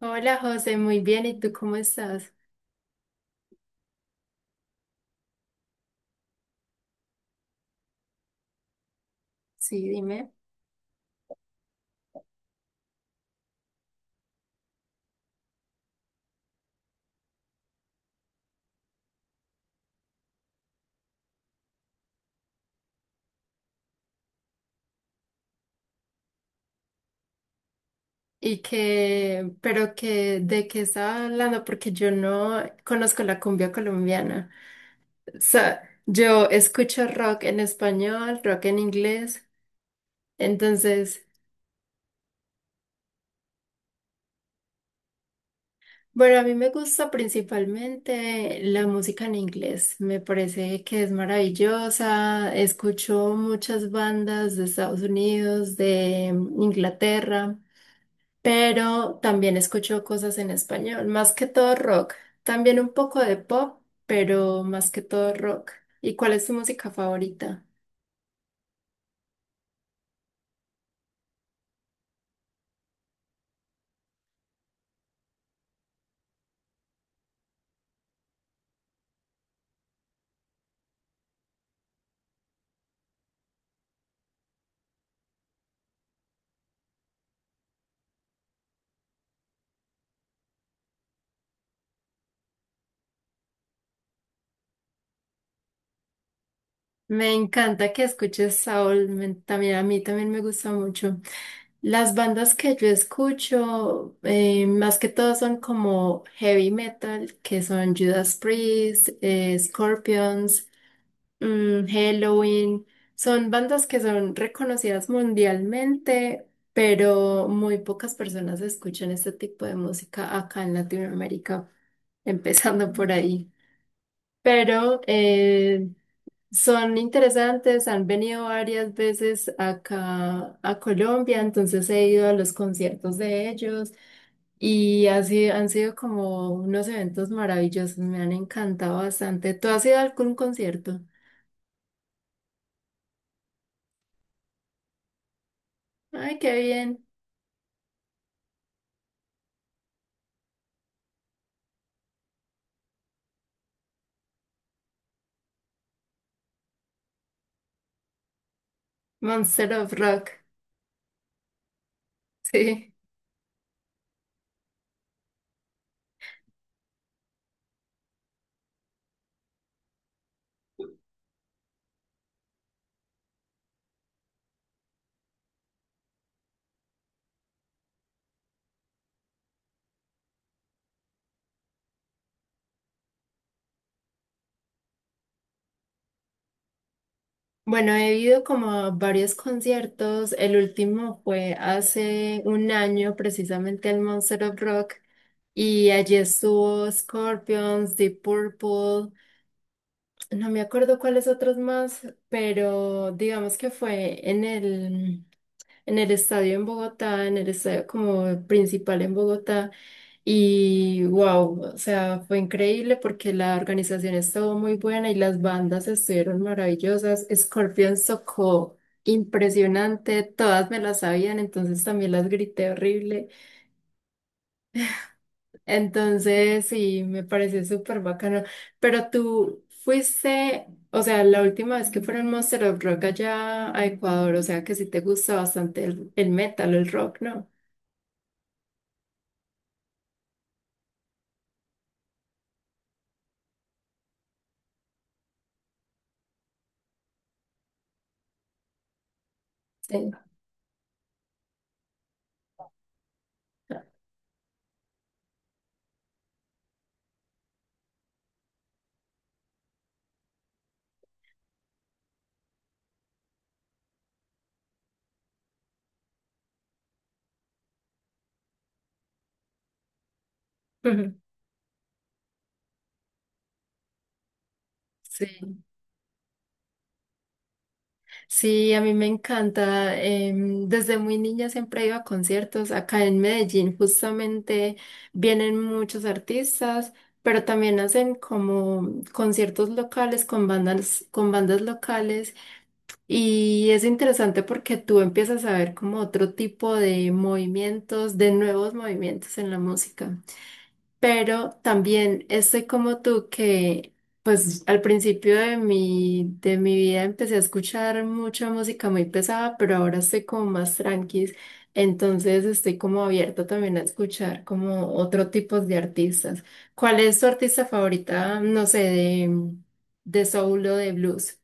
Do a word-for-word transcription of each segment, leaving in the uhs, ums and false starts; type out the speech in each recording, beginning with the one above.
Hola José, muy bien. ¿Y tú cómo estás? Sí, dime. ¿Y que, pero que de qué estaba hablando? Porque yo no conozco la cumbia colombiana. O sea, yo escucho rock en español, rock en inglés. Entonces, bueno, a mí me gusta principalmente la música en inglés. Me parece que es maravillosa. Escucho muchas bandas de Estados Unidos, de Inglaterra. Pero también escucho cosas en español, más que todo rock, también un poco de pop, pero más que todo rock. ¿Y cuál es tu música favorita? Me encanta que escuches Saúl, me- también a mí también me gusta mucho. Las bandas que yo escucho, eh, más que todo son como heavy metal, que son Judas Priest, eh, Scorpions, mm, Halloween, son bandas que son reconocidas mundialmente, pero muy pocas personas escuchan este tipo de música acá en Latinoamérica, empezando por ahí. Pero eh, son interesantes, han venido varias veces acá a Colombia, entonces he ido a los conciertos de ellos y así han sido como unos eventos maravillosos, me han encantado bastante. ¿Tú has ido a algún concierto? Ay, qué bien. Monster of Rock, sí. Bueno, he ido como a varios conciertos. El último fue hace un año, precisamente al Monster of Rock. Y allí estuvo Scorpions, Deep Purple. No me acuerdo cuáles otros más, pero digamos que fue en el en el estadio en Bogotá, en el estadio como principal en Bogotá. Y wow, o sea, fue increíble porque la organización estuvo muy buena y las bandas estuvieron maravillosas. Scorpions tocó impresionante, todas me las sabían, entonces también las grité horrible. Entonces, sí, me pareció súper bacano. Pero tú fuiste, o sea, la última vez que fueron Monster of Rock allá a Ecuador, o sea, que sí te gusta bastante el, el metal, el rock, ¿no? Sí. Ujú. Sí, sí, a mí me encanta. Em, desde muy niña siempre he ido a conciertos. Acá en Medellín justamente vienen muchos artistas, pero también hacen como conciertos locales con bandas, con bandas locales. Y es interesante porque tú empiezas a ver como otro tipo de movimientos, de nuevos movimientos en la música. Pero también estoy como tú que, pues al principio de mi, de mi vida empecé a escuchar mucha música muy pesada, pero ahora estoy como más tranquis, entonces estoy como abierta también a escuchar como otro tipo de artistas. ¿Cuál es tu artista favorita? No sé, de, de soul o de blues.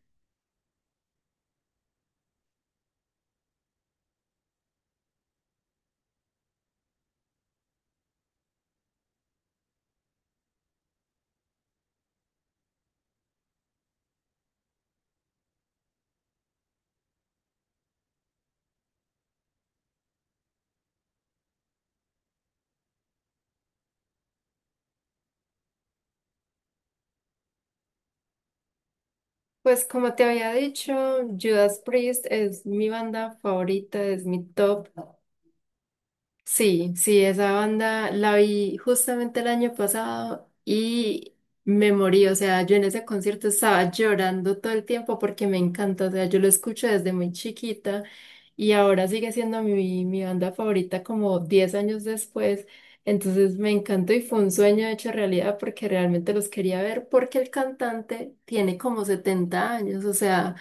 Pues como te había dicho, Judas Priest es mi banda favorita, es mi top. Sí, sí, esa banda la vi justamente el año pasado y me morí, o sea, yo en ese concierto estaba llorando todo el tiempo porque me encanta, o sea, yo lo escucho desde muy chiquita y ahora sigue siendo mi, mi banda favorita como diez años después, entonces me encantó y fue un sueño hecho realidad porque realmente los quería ver porque el cantante tiene como setenta años, o sea...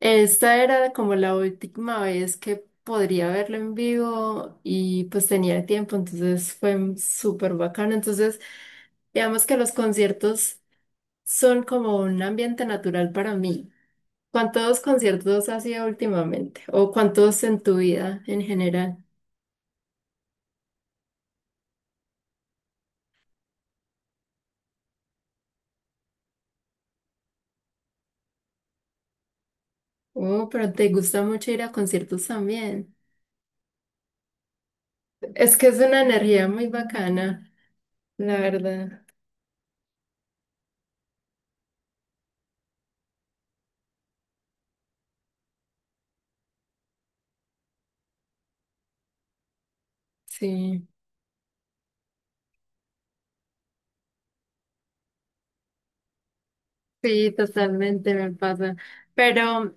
Esta era como la última vez que podría verlo en vivo y pues tenía tiempo, entonces fue súper bacano. Entonces, digamos que los conciertos son como un ambiente natural para mí. ¿Cuántos conciertos has ido últimamente? ¿O cuántos en tu vida en general? Oh, pero te gusta mucho ir a conciertos también. Es que es una energía muy bacana, la verdad. Sí. Sí, totalmente me pasa. Pero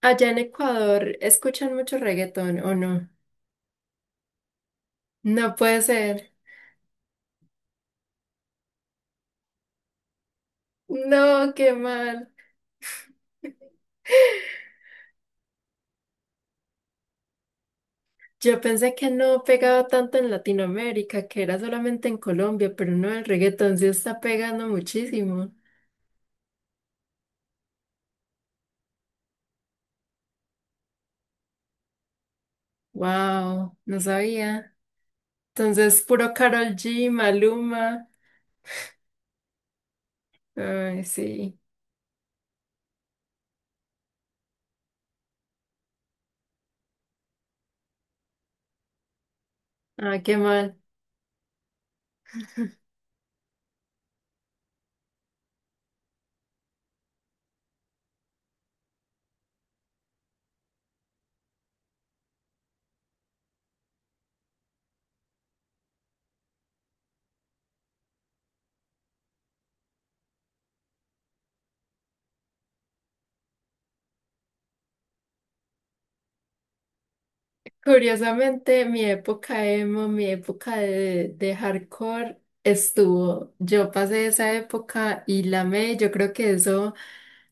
allá en Ecuador, ¿escuchan mucho reggaetón o no? No puede ser. No, qué mal. Yo pensé que no pegaba tanto en Latinoamérica, que era solamente en Colombia, pero no, el reggaetón sí está pegando muchísimo. Wow, no sabía. Entonces, puro Karol G, Maluma. Ay, sí. Ah, qué mal. Curiosamente, mi época emo, mi época de, de hardcore estuvo. Yo pasé esa época y la amé. Yo creo que eso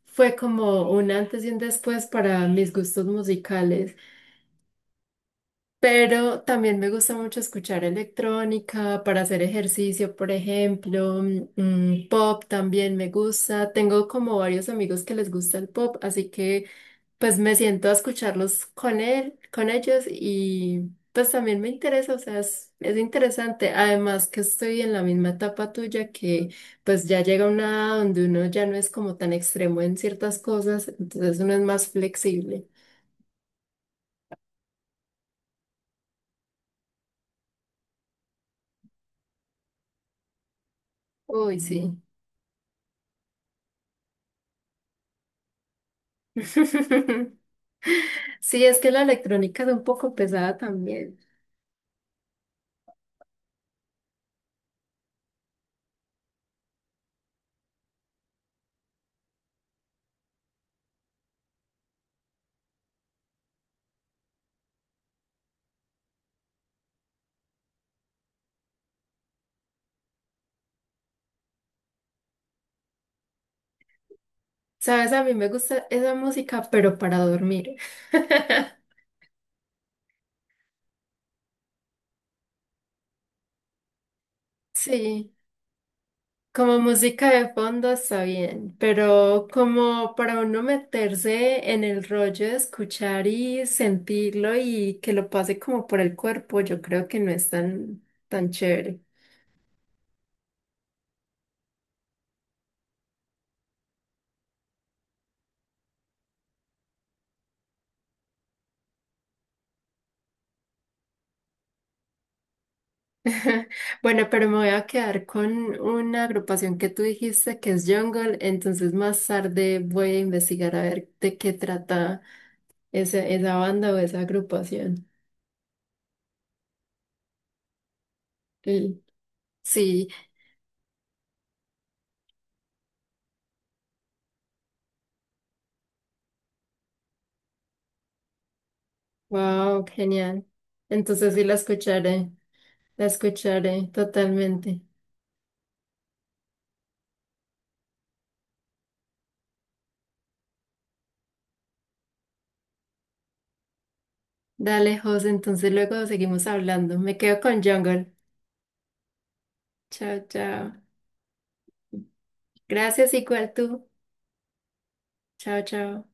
fue como un antes y un después para mis gustos musicales. Pero también me gusta mucho escuchar electrónica para hacer ejercicio, por ejemplo. Mm, pop también me gusta. Tengo como varios amigos que les gusta el pop, así que pues me siento a escucharlos con él, con ellos y pues también me interesa, o sea, es, es interesante. Además que estoy en la misma etapa tuya que pues ya llega una edad donde uno ya no es como tan extremo en ciertas cosas, entonces uno es más flexible. Uy, sí. Sí, es que la electrónica es un poco pesada también. Sabes, a mí me gusta esa música, pero para dormir. Sí, como música de fondo está bien, pero como para uno meterse en el rollo de escuchar y sentirlo y que lo pase como por el cuerpo, yo creo que no es tan, tan chévere. Bueno, pero me voy a quedar con una agrupación que tú dijiste que es Jungle, entonces más tarde voy a investigar a ver de qué trata esa, esa banda o esa agrupación. Y- sí, wow, genial. Entonces sí la escucharé, la escucharé totalmente. Dale, José, entonces luego seguimos hablando. Me quedo con Jungle. Chao, chao. Gracias, igual tú. Chao, chao.